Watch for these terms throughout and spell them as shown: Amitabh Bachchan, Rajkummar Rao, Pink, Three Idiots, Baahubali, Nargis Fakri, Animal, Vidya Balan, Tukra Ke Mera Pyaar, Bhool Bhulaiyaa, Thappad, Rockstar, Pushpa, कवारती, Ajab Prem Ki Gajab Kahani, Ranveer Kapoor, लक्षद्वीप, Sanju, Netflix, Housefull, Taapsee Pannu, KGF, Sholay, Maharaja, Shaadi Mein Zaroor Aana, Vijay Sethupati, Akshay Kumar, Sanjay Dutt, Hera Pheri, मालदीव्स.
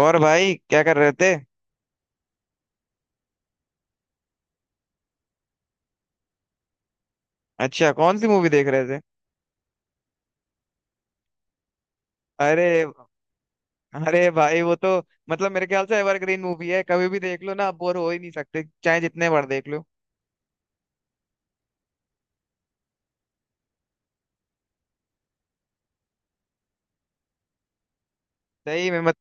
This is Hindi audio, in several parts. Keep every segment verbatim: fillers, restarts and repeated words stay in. और भाई क्या कर रहे थे। अच्छा कौन सी मूवी देख रहे थे? अरे, अरे भाई वो तो मतलब मेरे ख्याल से एवरग्रीन मूवी है, कभी भी देख लो ना, आप बोर हो ही नहीं सकते चाहे जितने बार देख लो। सही में मत,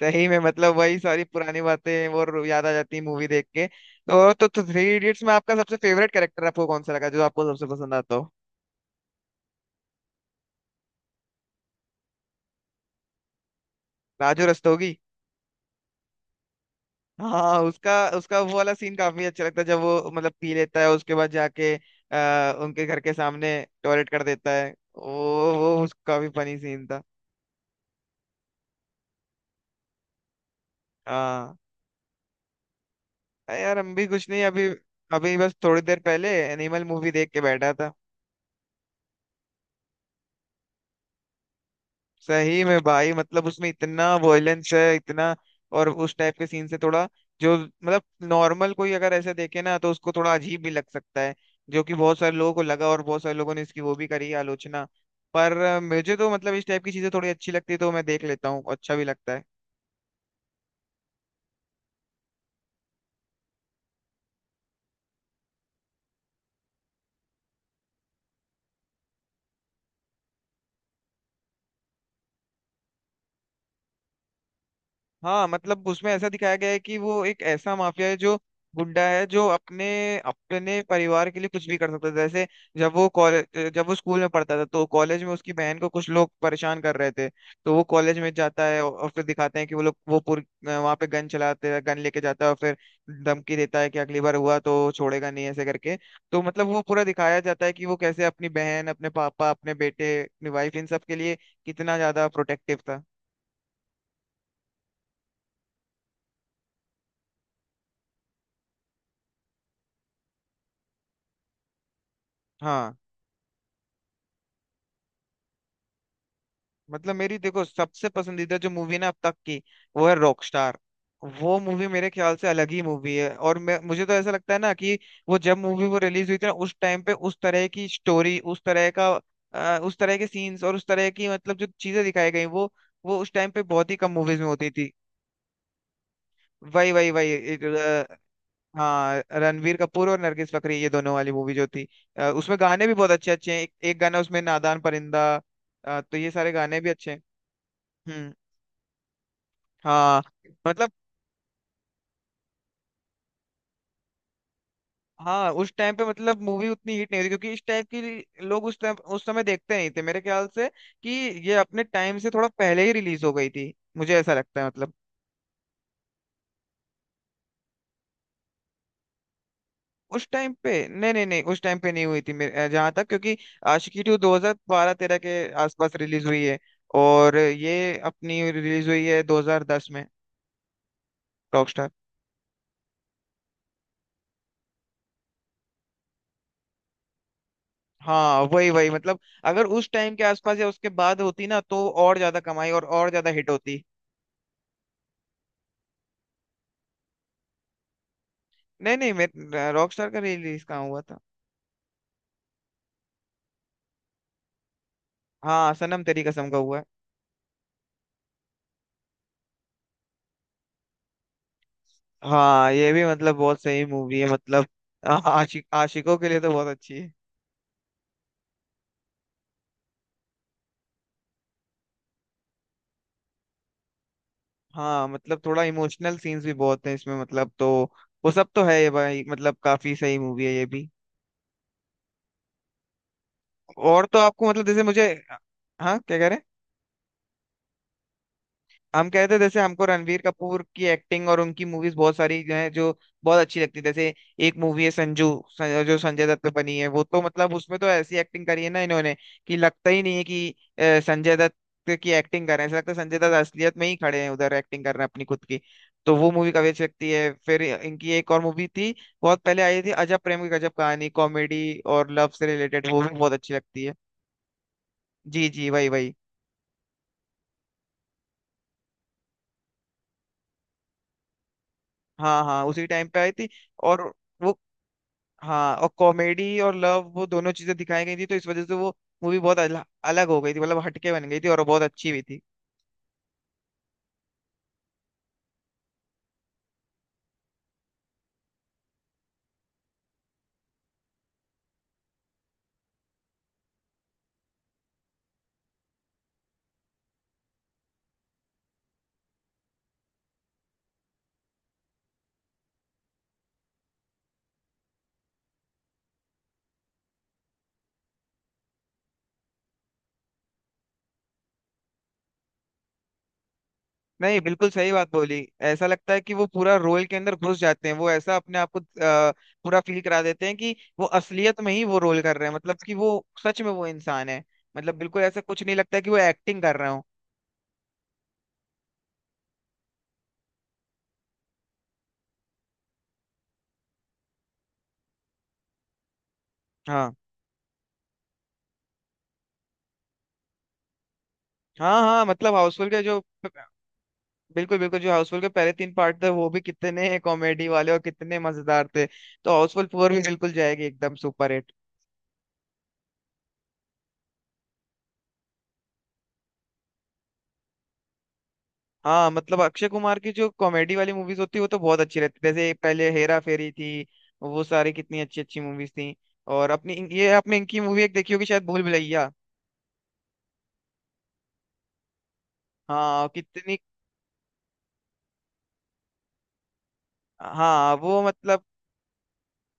सही में मतलब वही सारी पुरानी बातें और याद आ जाती है मूवी देख के। तो तो, तो थ्री इडियट्स में आपका सबसे फेवरेट कैरेक्टर आपको कौन सा लगा जो आपको सबसे पसंद आता हो? राजू रस्तोगी। हाँ, उसका उसका वो वाला सीन काफी अच्छा लगता है, जब वो मतलब पी लेता है उसके बाद जाके आ, उनके घर के सामने टॉयलेट कर देता है। वो वो उसका भी फनी सीन था। हाँ, अरे यार, हम भी कुछ नहीं अभी। अभी बस थोड़ी देर पहले एनिमल मूवी देख के बैठा था। सही में भाई, मतलब उसमें इतना वॉयलेंस है, इतना। और उस टाइप के सीन से थोड़ा, जो मतलब नॉर्मल कोई अगर ऐसे देखे ना तो उसको थोड़ा अजीब भी लग सकता है, जो कि बहुत सारे लोगों को लगा और बहुत सारे लोगों ने इसकी वो भी करी आलोचना। पर अ, मुझे तो मतलब इस टाइप की चीजें थोड़ी अच्छी लगती है तो मैं देख लेता हूँ, अच्छा भी लगता है। हाँ मतलब उसमें ऐसा दिखाया गया है कि वो एक ऐसा माफिया है, जो गुंडा है, जो अपने अपने परिवार के लिए कुछ भी कर सकता था। जैसे जब वो कॉलेज, जब वो स्कूल में पढ़ता था तो कॉलेज में उसकी बहन को कुछ लोग परेशान कर रहे थे, तो वो कॉलेज में जाता है और और फिर दिखाते हैं कि वो लोग वो पुर वहां पे गन चलाते हैं, गन लेके जाता है और फिर धमकी देता है कि अगली बार हुआ तो छोड़ेगा नहीं, ऐसे करके। तो मतलब वो पूरा दिखाया जाता है कि वो कैसे अपनी बहन, अपने पापा, अपने बेटे, अपनी वाइफ, इन सब के लिए कितना ज्यादा प्रोटेक्टिव था। हाँ मतलब मेरी देखो सबसे पसंदीदा जो मूवी ना अब तक की, वो है रॉकस्टार। वो मूवी मेरे ख्याल से अलग ही मूवी है, और मैं मुझे तो ऐसा लगता है ना कि वो जब मूवी वो रिलीज हुई थी ना उस टाइम पे उस तरह की स्टोरी, उस तरह का अ, उस तरह के सीन्स और उस तरह की मतलब जो चीजें दिखाई गई, वो वो उस टाइम पे बहुत ही कम मूवीज में होती थी। वही वही वही एक, अ, हाँ रणवीर कपूर और नरगिस फकरी ये दोनों वाली मूवी जो थी, अ, उसमें गाने भी बहुत अच्छे अच्छे हैं। एक, एक गाना उसमें नादान परिंदा, अ, तो ये सारे गाने भी अच्छे हैं। हम्म। हाँ मतलब, हाँ उस टाइम पे मतलब मूवी उतनी हिट नहीं हुई थी, क्योंकि इस टाइप की लोग उस टाइम उस समय देखते नहीं थे मेरे ख्याल से। कि ये अपने टाइम से थोड़ा पहले ही रिलीज हो गई थी, मुझे ऐसा लगता है मतलब। उस टाइम पे नहीं, नहीं नहीं, उस टाइम पे नहीं हुई थी मेरे जहाँ तक, क्योंकि आशिकी टू दो हज़ार बारह-तेरह के आसपास रिलीज हुई है, और ये अपनी रिलीज हुई है दो हज़ार दस में। रॉकस्टार। हाँ वही वही मतलब अगर उस टाइम के आसपास या उसके बाद होती ना तो और ज्यादा कमाई और और ज्यादा हिट होती। नहीं नहीं, मैं रॉकस्टार का रिलीज कहाँ हुआ था। हाँ सनम तेरी कसम का हुआ है। हाँ ये भी मतलब बहुत सही मूवी है मतलब, आ- आशिक आशिकों के लिए तो बहुत अच्छी है। हाँ मतलब थोड़ा इमोशनल सीन्स भी बहुत हैं इसमें, मतलब तो वो सब तो है ये भाई, मतलब काफी सही मूवी है ये भी। और तो आपको मतलब जैसे मुझे, हाँ क्या कह रहे हैं? हम कहते जैसे हमको रणवीर कपूर की एक्टिंग और उनकी मूवीज बहुत सारी जो है जो बहुत अच्छी लगती है। जैसे एक मूवी है संजू, सं- जो संजय दत्त पे बनी है, वो तो मतलब उसमें तो ऐसी एक्टिंग करी है ना इन्होंने, कि लगता ही नहीं है कि अ, संजय दत्त की एक्टिंग कर रहे हैं, ऐसा लगता है संजय दत्त असलियत में ही खड़े हैं उधर एक्टिंग कर रहे हैं अपनी खुद की। तो वो मूवी काफी अच्छी लगती है। फिर इनकी एक और मूवी थी, बहुत पहले आई थी, अजब प्रेम की गजब कहानी, कॉमेडी और लव से रिलेटेड, वो भी बहुत अच्छी लगती है। जी जी वही वही। हाँ हाँ उसी टाइम पे आई थी। और वो, हाँ और कॉमेडी और लव वो दोनों चीजें दिखाई गई थी तो इस वजह से वो मूवी बहुत अल, अलग हो गई थी, मतलब हटके बन गई थी और बहुत अच्छी भी थी। नहीं बिल्कुल सही बात बोली। ऐसा लगता है कि वो पूरा रोल के अंदर घुस जाते हैं, वो ऐसा अपने आप को अ, पूरा फील करा देते हैं कि वो असलियत में ही वो रोल कर रहे हैं, मतलब कि वो सच में वो इंसान है। मतलब बिल्कुल ऐसा कुछ नहीं लगता कि वो एक्टिंग कर रहे हो। हाँ, हाँ हाँ मतलब हाउसफुल के जो, बिल्कुल बिल्कुल, जो हाउसफुल के पहले तीन पार्ट थे वो भी कितने कॉमेडी वाले और कितने मजेदार थे, तो हाउसफुल फोर भी बिल्कुल जाएगी एकदम सुपर हिट। हाँ मतलब अक्षय कुमार की जो कॉमेडी वाली मूवीज होती है वो तो बहुत अच्छी रहती है, जैसे पहले हेरा फेरी थी, वो सारी कितनी अच्छी अच्छी मूवीज थी। और अपनी ये आपने इनकी मूवी एक देखी होगी शायद, भूल भुलैया। हाँ कितनी, हाँ वो मतलब,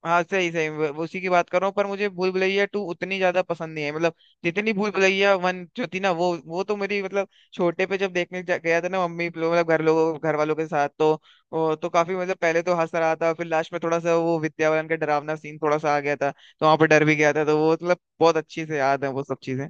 हाँ सही सही, वो- वो उसी की बात कर रहा हूँ, पर मुझे भूल भुलैया टू उतनी ज्यादा पसंद नहीं है, मतलब जितनी भूल भुलैया वन जो थी ना, वो वो तो मेरी मतलब छोटे पे जब देखने जा- गया था ना मम्मी लोग मतलब घर लोगों घर वालों के साथ, तो वो तो काफी मतलब पहले तो हंस रहा था फिर लास्ट में थोड़ा सा वो विद्या बालन का डरावना सीन थोड़ा सा आ गया था तो वहां पर डर भी गया था, तो वो मतलब बहुत अच्छी से याद है वो सब चीजें।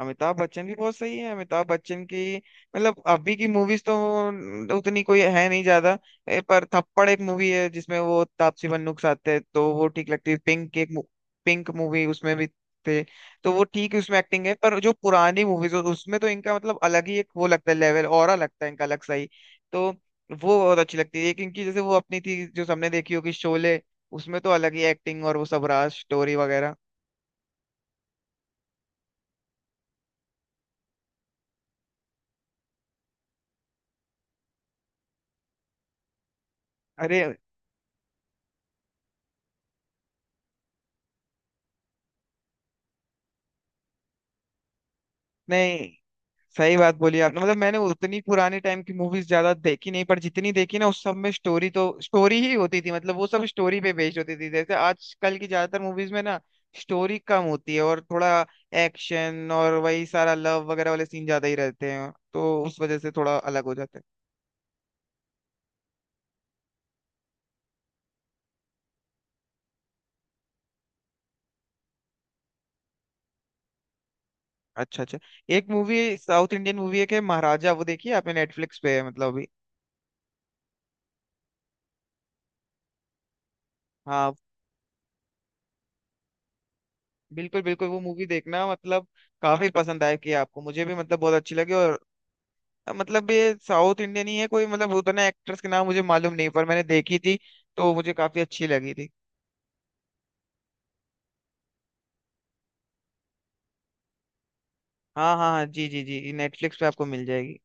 अमिताभ बच्चन भी बहुत सही है। अमिताभ बच्चन की मतलब अभी की मूवीज तो उतनी कोई है नहीं ज्यादा, ए, पर थप्पड़ एक मूवी है जिसमें वो तापसी पन्नूक साथ है तो वो ठीक लगती है, पिंक एक पिंक मूवी उसमें भी थे, तो वो ठीक उसमें एक्टिंग है, पर जो पुरानी मूवीज उसमें तो इनका मतलब अलग ही एक वो लगता है, लेवल ऑरा लगता है इनका अलग सही। तो वो बहुत अच्छी लगती है एक इनकी, जैसे वो अपनी थी जो सबने देखी होगी शोले, उसमें तो अलग ही एक्टिंग और वो सब रहा स्टोरी वगैरह। अरे नहीं सही बात बोली आपने, मतलब मैंने उतनी पुराने टाइम की मूवीज ज्यादा देखी नहीं पर जितनी देखी ना उस सब में स्टोरी तो स्टोरी ही होती थी, मतलब वो सब स्टोरी पे बेस्ड होती थी। जैसे आजकल की ज्यादातर मूवीज में ना स्टोरी कम होती है और थोड़ा एक्शन और वही सारा लव वगैरह वाले सीन ज्यादा ही रहते हैं, तो उस वजह से थोड़ा अलग हो जाते हैं। अच्छा अच्छा। एक मूवी, साउथ इंडियन मूवी एक है महाराजा, वो देखिए आपने, नेटफ्लिक्स पे है मतलब अभी। हाँ बिल्कुल बिल्कुल वो मूवी देखना, मतलब काफी पसंद आया कि आपको, मुझे भी मतलब बहुत अच्छी लगी। और अब मतलब ये साउथ इंडियन ही है, कोई मतलब उतने एक्टर्स के नाम मुझे मालूम नहीं पर मैंने देखी थी तो मुझे काफी अच्छी लगी थी। हाँ हाँ हाँ, जी जी जी, नेटफ्लिक्स पे आपको मिल जाएगी।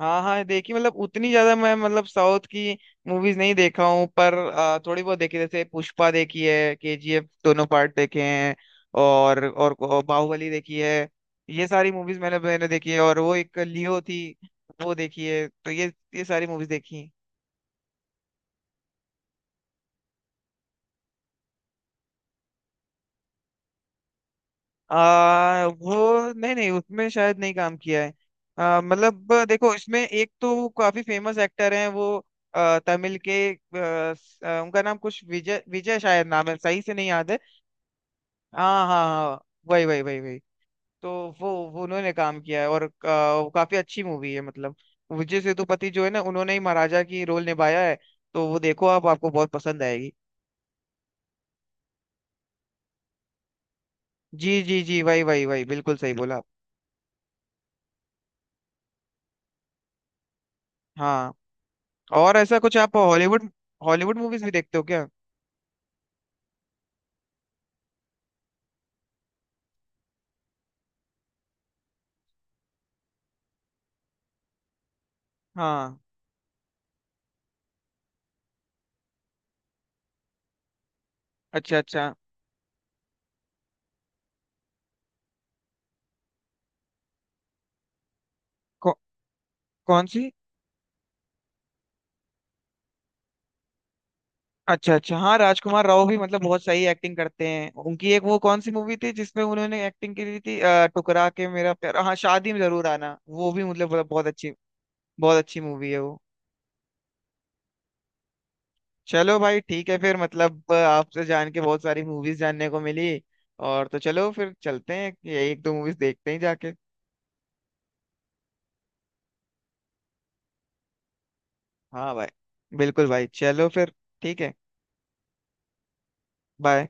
हाँ हाँ देखी, मतलब उतनी ज्यादा मैं मतलब साउथ की मूवीज नहीं देखा हूँ, पर आ, थोड़ी बहुत देखी। जैसे पुष्पा देखी है, केजीएफ दोनों पार्ट देखे हैं, और और, और बाहुबली देखी है। ये सारी मूवीज मैंने मैंने देखी है, और वो एक लियो थी वो देखी है, तो ये ये सारी मूवीज देखी हैं। आ, वो नहीं नहीं, उसमें शायद नहीं काम किया है। आ, मतलब आ, देखो, इसमें एक तो काफी फेमस एक्टर हैं वो, आ, तमिल के आ, स- आ, उनका नाम कुछ विजय, विजय शायद नाम है, सही से नहीं याद है। हाँ हाँ हाँ, वही वही वही वही। तो वो वो उन्होंने काम किया है और का, वो काफी अच्छी मूवी है, मतलब विजय सेतुपति जो है ना उन्होंने ही महाराजा की रोल निभाया है, तो वो देखो आप, आपको बहुत पसंद आएगी। जी जी जी, वही वही वही बिल्कुल सही बोला आप। हाँ, और ऐसा कुछ आप हॉलीवुड, हॉलीवुड मूवीज भी देखते हो क्या? हाँ, अच्छा अच्छा। कौ, कौन सी? अच्छा अच्छा, हाँ राजकुमार राव भी मतलब बहुत सही एक्टिंग करते हैं। उनकी एक वो कौन सी मूवी थी जिसमें उन्होंने एक्टिंग की थी, अ, टुकरा के मेरा प्यार, हाँ शादी में जरूर आना, वो भी मतलब बहुत बहुत अच्छी, बहुत अच्छी मूवी है वो। चलो भाई ठीक है फिर, मतलब अ, आपसे जान के बहुत सारी मूवीज जानने को मिली, और तो चलो फिर चलते हैं ये एक दो मूवीज देखते हैं जाके। हाँ भाई बिल्कुल भाई, चलो फिर। ठीक है। बाय।